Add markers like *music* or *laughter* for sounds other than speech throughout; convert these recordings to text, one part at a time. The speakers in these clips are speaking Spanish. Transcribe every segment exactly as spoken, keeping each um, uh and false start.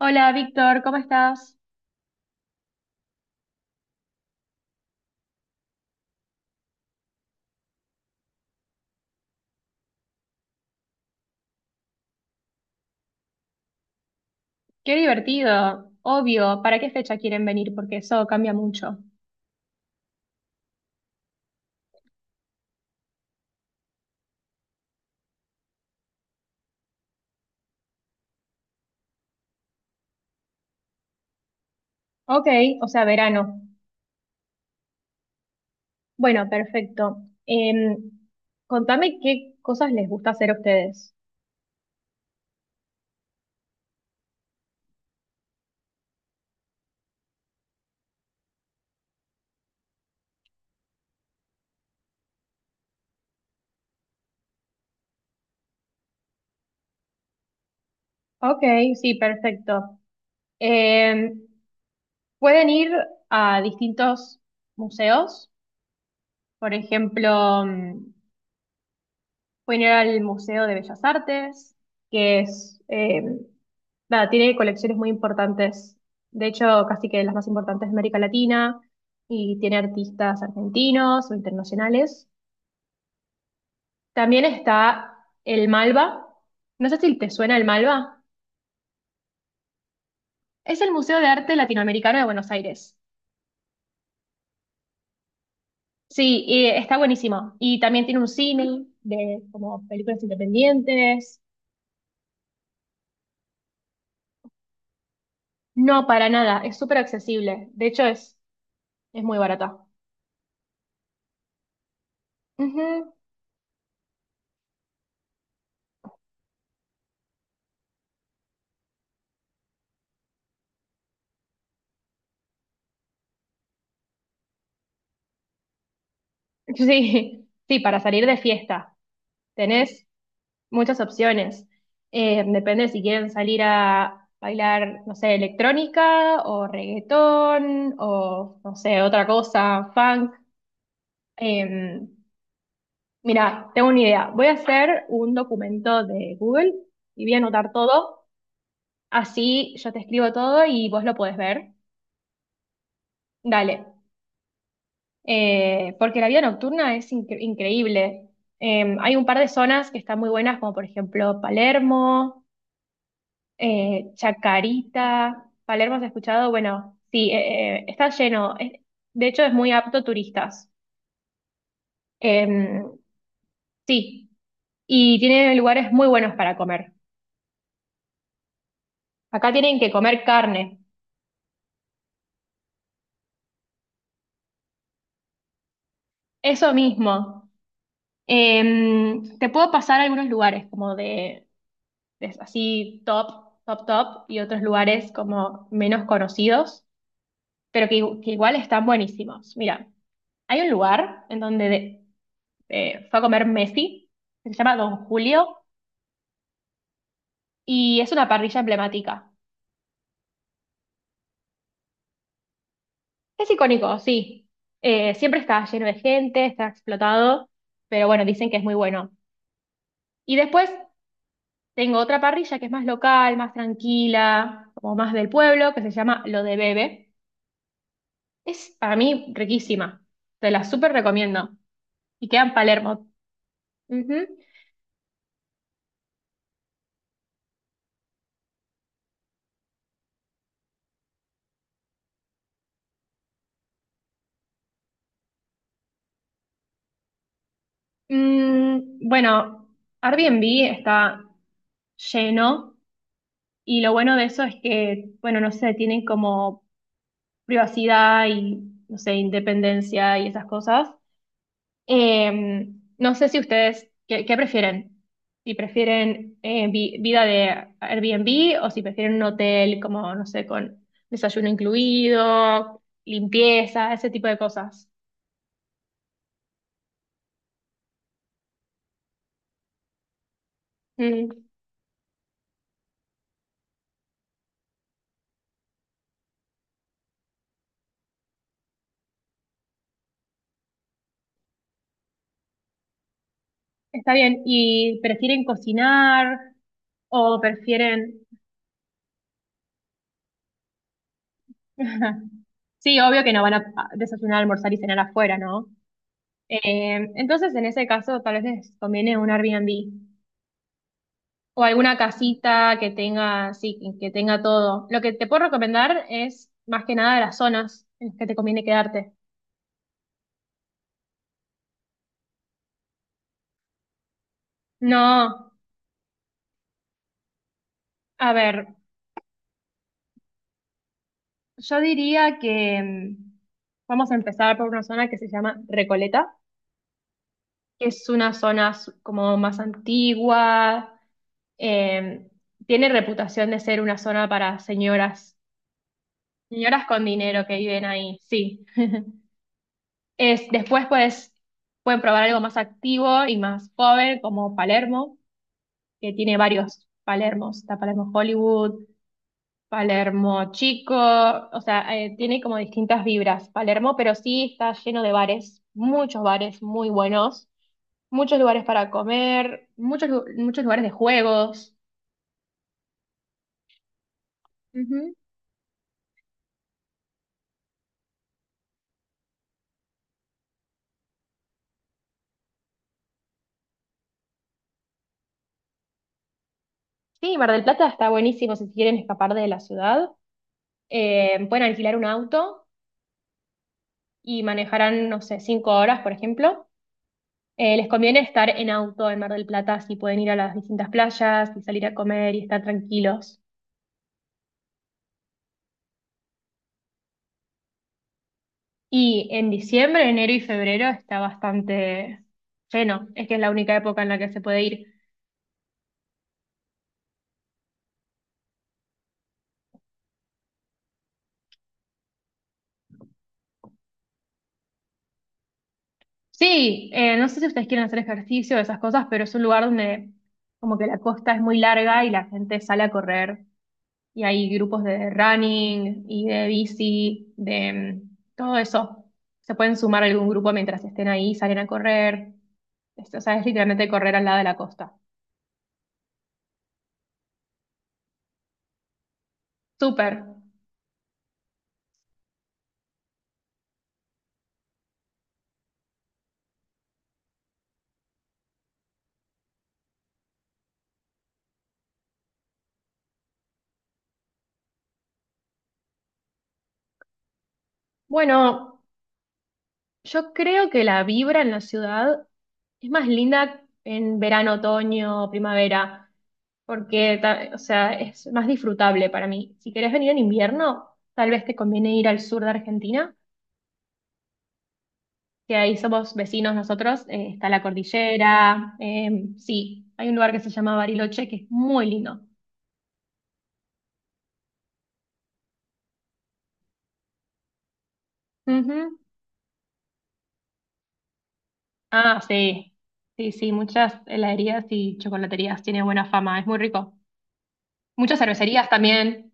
Hola, Víctor, ¿cómo estás? Qué divertido. Obvio, ¿para qué fecha quieren venir? Porque eso cambia mucho. Ok, o sea, verano. Bueno, perfecto. Em, Contame qué cosas les gusta hacer a ustedes. Ok, sí, perfecto. Em, Pueden ir a distintos museos, por ejemplo, mm, pueden ir al Museo de Bellas Artes, que es, eh, nada, tiene colecciones muy importantes, de hecho, casi que las más importantes de América Latina, y tiene artistas argentinos o internacionales. También está el Malva. No sé si te suena el Malva. Es el Museo de Arte Latinoamericano de Buenos Aires. Sí, y está buenísimo. Y también tiene un cine de como películas independientes. No, para nada, es súper accesible. De hecho, es, es muy barata. Ujú. Sí, sí, para salir de fiesta. Tenés muchas opciones. Eh, depende si quieren salir a bailar, no sé, electrónica o reggaetón o, no sé, otra cosa, funk. Eh, Mira, tengo una idea. Voy a hacer un documento de Google y voy a anotar todo. Así yo te escribo todo y vos lo podés ver. Dale. Eh, porque la vida nocturna es incre- increíble. Eh, hay un par de zonas que están muy buenas, como por ejemplo Palermo, eh, Chacarita. Palermo, ¿has escuchado? Bueno, sí, eh, eh, está lleno. Es- de hecho, es muy apto turistas. Eh, sí, y tiene lugares muy buenos para comer. Acá tienen que comer carne. Eso mismo. Eh, te puedo pasar algunos lugares como de es así top, top, top, y otros lugares como menos conocidos, pero que, que igual están buenísimos. Mira, hay un lugar en donde de- eh, fue a comer Messi, que se llama Don Julio, y es una parrilla emblemática. Es icónico, sí. Eh, siempre está lleno de gente, está explotado, pero bueno, dicen que es muy bueno. Y después tengo otra parrilla que es más local, más tranquila, como más del pueblo, que se llama Lo de Bebe. Es para mí riquísima. Te la súper recomiendo. Y queda en Palermo. Ujú. Mm, bueno, Airbnb está lleno y lo bueno de eso es que, bueno, no sé, tienen como privacidad y, no sé, independencia y esas cosas. Eh, no sé si ustedes, ¿qué, qué prefieren? Si prefieren eh, vi- vida de Airbnb o si prefieren un hotel como, no sé, con desayuno incluido, limpieza, ese tipo de cosas. Mm, está bien. ¿Y prefieren cocinar o prefieren... *laughs* Sí, obvio que no van a a desayunar, almorzar y cenar afuera, ¿no? Eh, entonces, en ese caso, tal vez les conviene un Airbnb. O alguna casita que tenga, sí, que que tenga todo. Lo que te puedo recomendar es más que nada las zonas en las que te conviene quedarte. No, a ver, yo diría que mm, vamos a empezar por una zona que se llama Recoleta, que es una zona s- como más antigua, eh, tiene reputación de ser una zona para señoras, señoras con dinero que viven ahí, sí. Es, después pues pueden probar algo más activo y más joven como Palermo que tiene varios Palermos. Está Palermo Hollywood, Palermo Chico, o sea, eh, tiene como distintas vibras Palermo, pero sí está lleno de bares, muchos bares muy buenos, muchos lugares para comer, muchos, lu- muchos lugares de juegos. Ujú. Sí, Mar del Plata está buenísimo si quieren escapar de la ciudad. Eh, pueden alquilar un auto y manejarán, no sé, cinco horas, por ejemplo. Eh, les conviene estar en auto en Mar del Plata si pueden ir a las distintas playas y salir a comer y estar tranquilos. Y en diciembre, enero y febrero está bastante lleno. Es que es la única época en la que se puede ir. Sí, eh, no sé si ustedes quieren hacer ejercicio o esas cosas, pero es un lugar donde como que la costa es muy larga y la gente sale a correr. Y hay grupos de running y de bici, de mm, todo eso. Se pueden sumar a algún grupo mientras estén ahí, salen a correr. Es- O sea, es literalmente correr al lado de la costa. Súper. Bueno, yo creo que la vibra en la ciudad es más linda en verano, otoño, primavera, porque, ta- o sea, es más disfrutable para mí. Si querés venir en invierno, tal vez te conviene ir al sur de Argentina, que ahí somos vecinos nosotros, eh, está la cordillera, eh, sí, hay un lugar que se llama Bariloche que es muy lindo. Ujú. Ah, sí, sí, sí, muchas heladerías y chocolaterías, tiene buena fama, es muy rico. Muchas cervecerías también.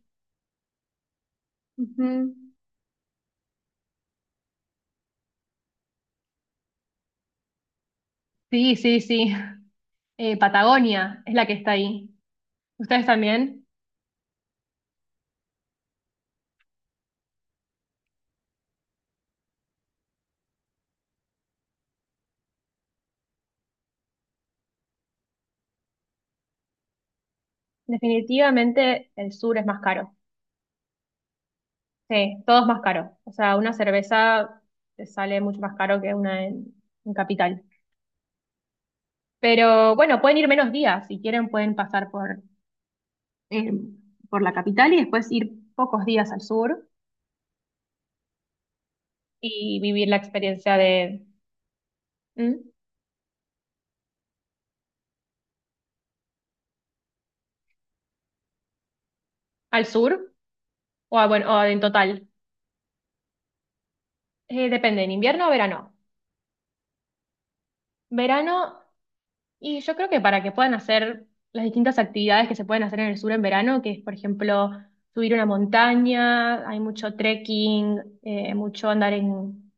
Ujú. Sí, sí, sí. Eh, Patagonia es la que está ahí. ¿Ustedes también? Definitivamente el sur es más caro. Sí, todo es más caro. O sea, una cerveza te sale mucho más caro que una en, en capital. Pero bueno, pueden ir menos días. Si quieren, pueden pasar por, eh, por la capital y después ir pocos días al sur y vivir la experiencia de ¿Mm? Al sur o, a- bueno, o en total. Eh, depende, ¿en invierno o verano? Verano. Y yo creo que para que puedan hacer las distintas actividades que se pueden hacer en el sur en verano, que es, por ejemplo, subir una montaña, hay mucho trekking, eh, mucho andar en,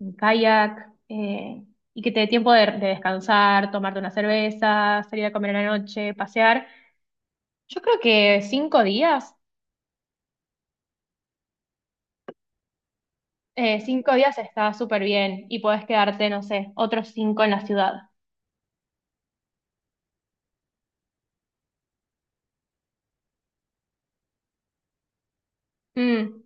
en kayak, eh, y que te dé tiempo de, de descansar, tomarte una cerveza, salir a comer en la noche, pasear. Yo creo que cinco días, eh, cinco días está súper bien y podés quedarte, no sé, otros cinco en la ciudad. Mm.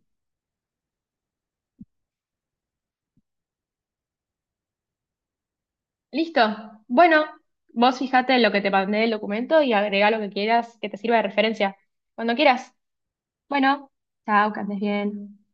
Listo. Bueno, vos fijate en lo que te mandé el documento y agrega lo que quieras que te sirva de referencia. Cuando quieras. Bueno, chao, que andes bien.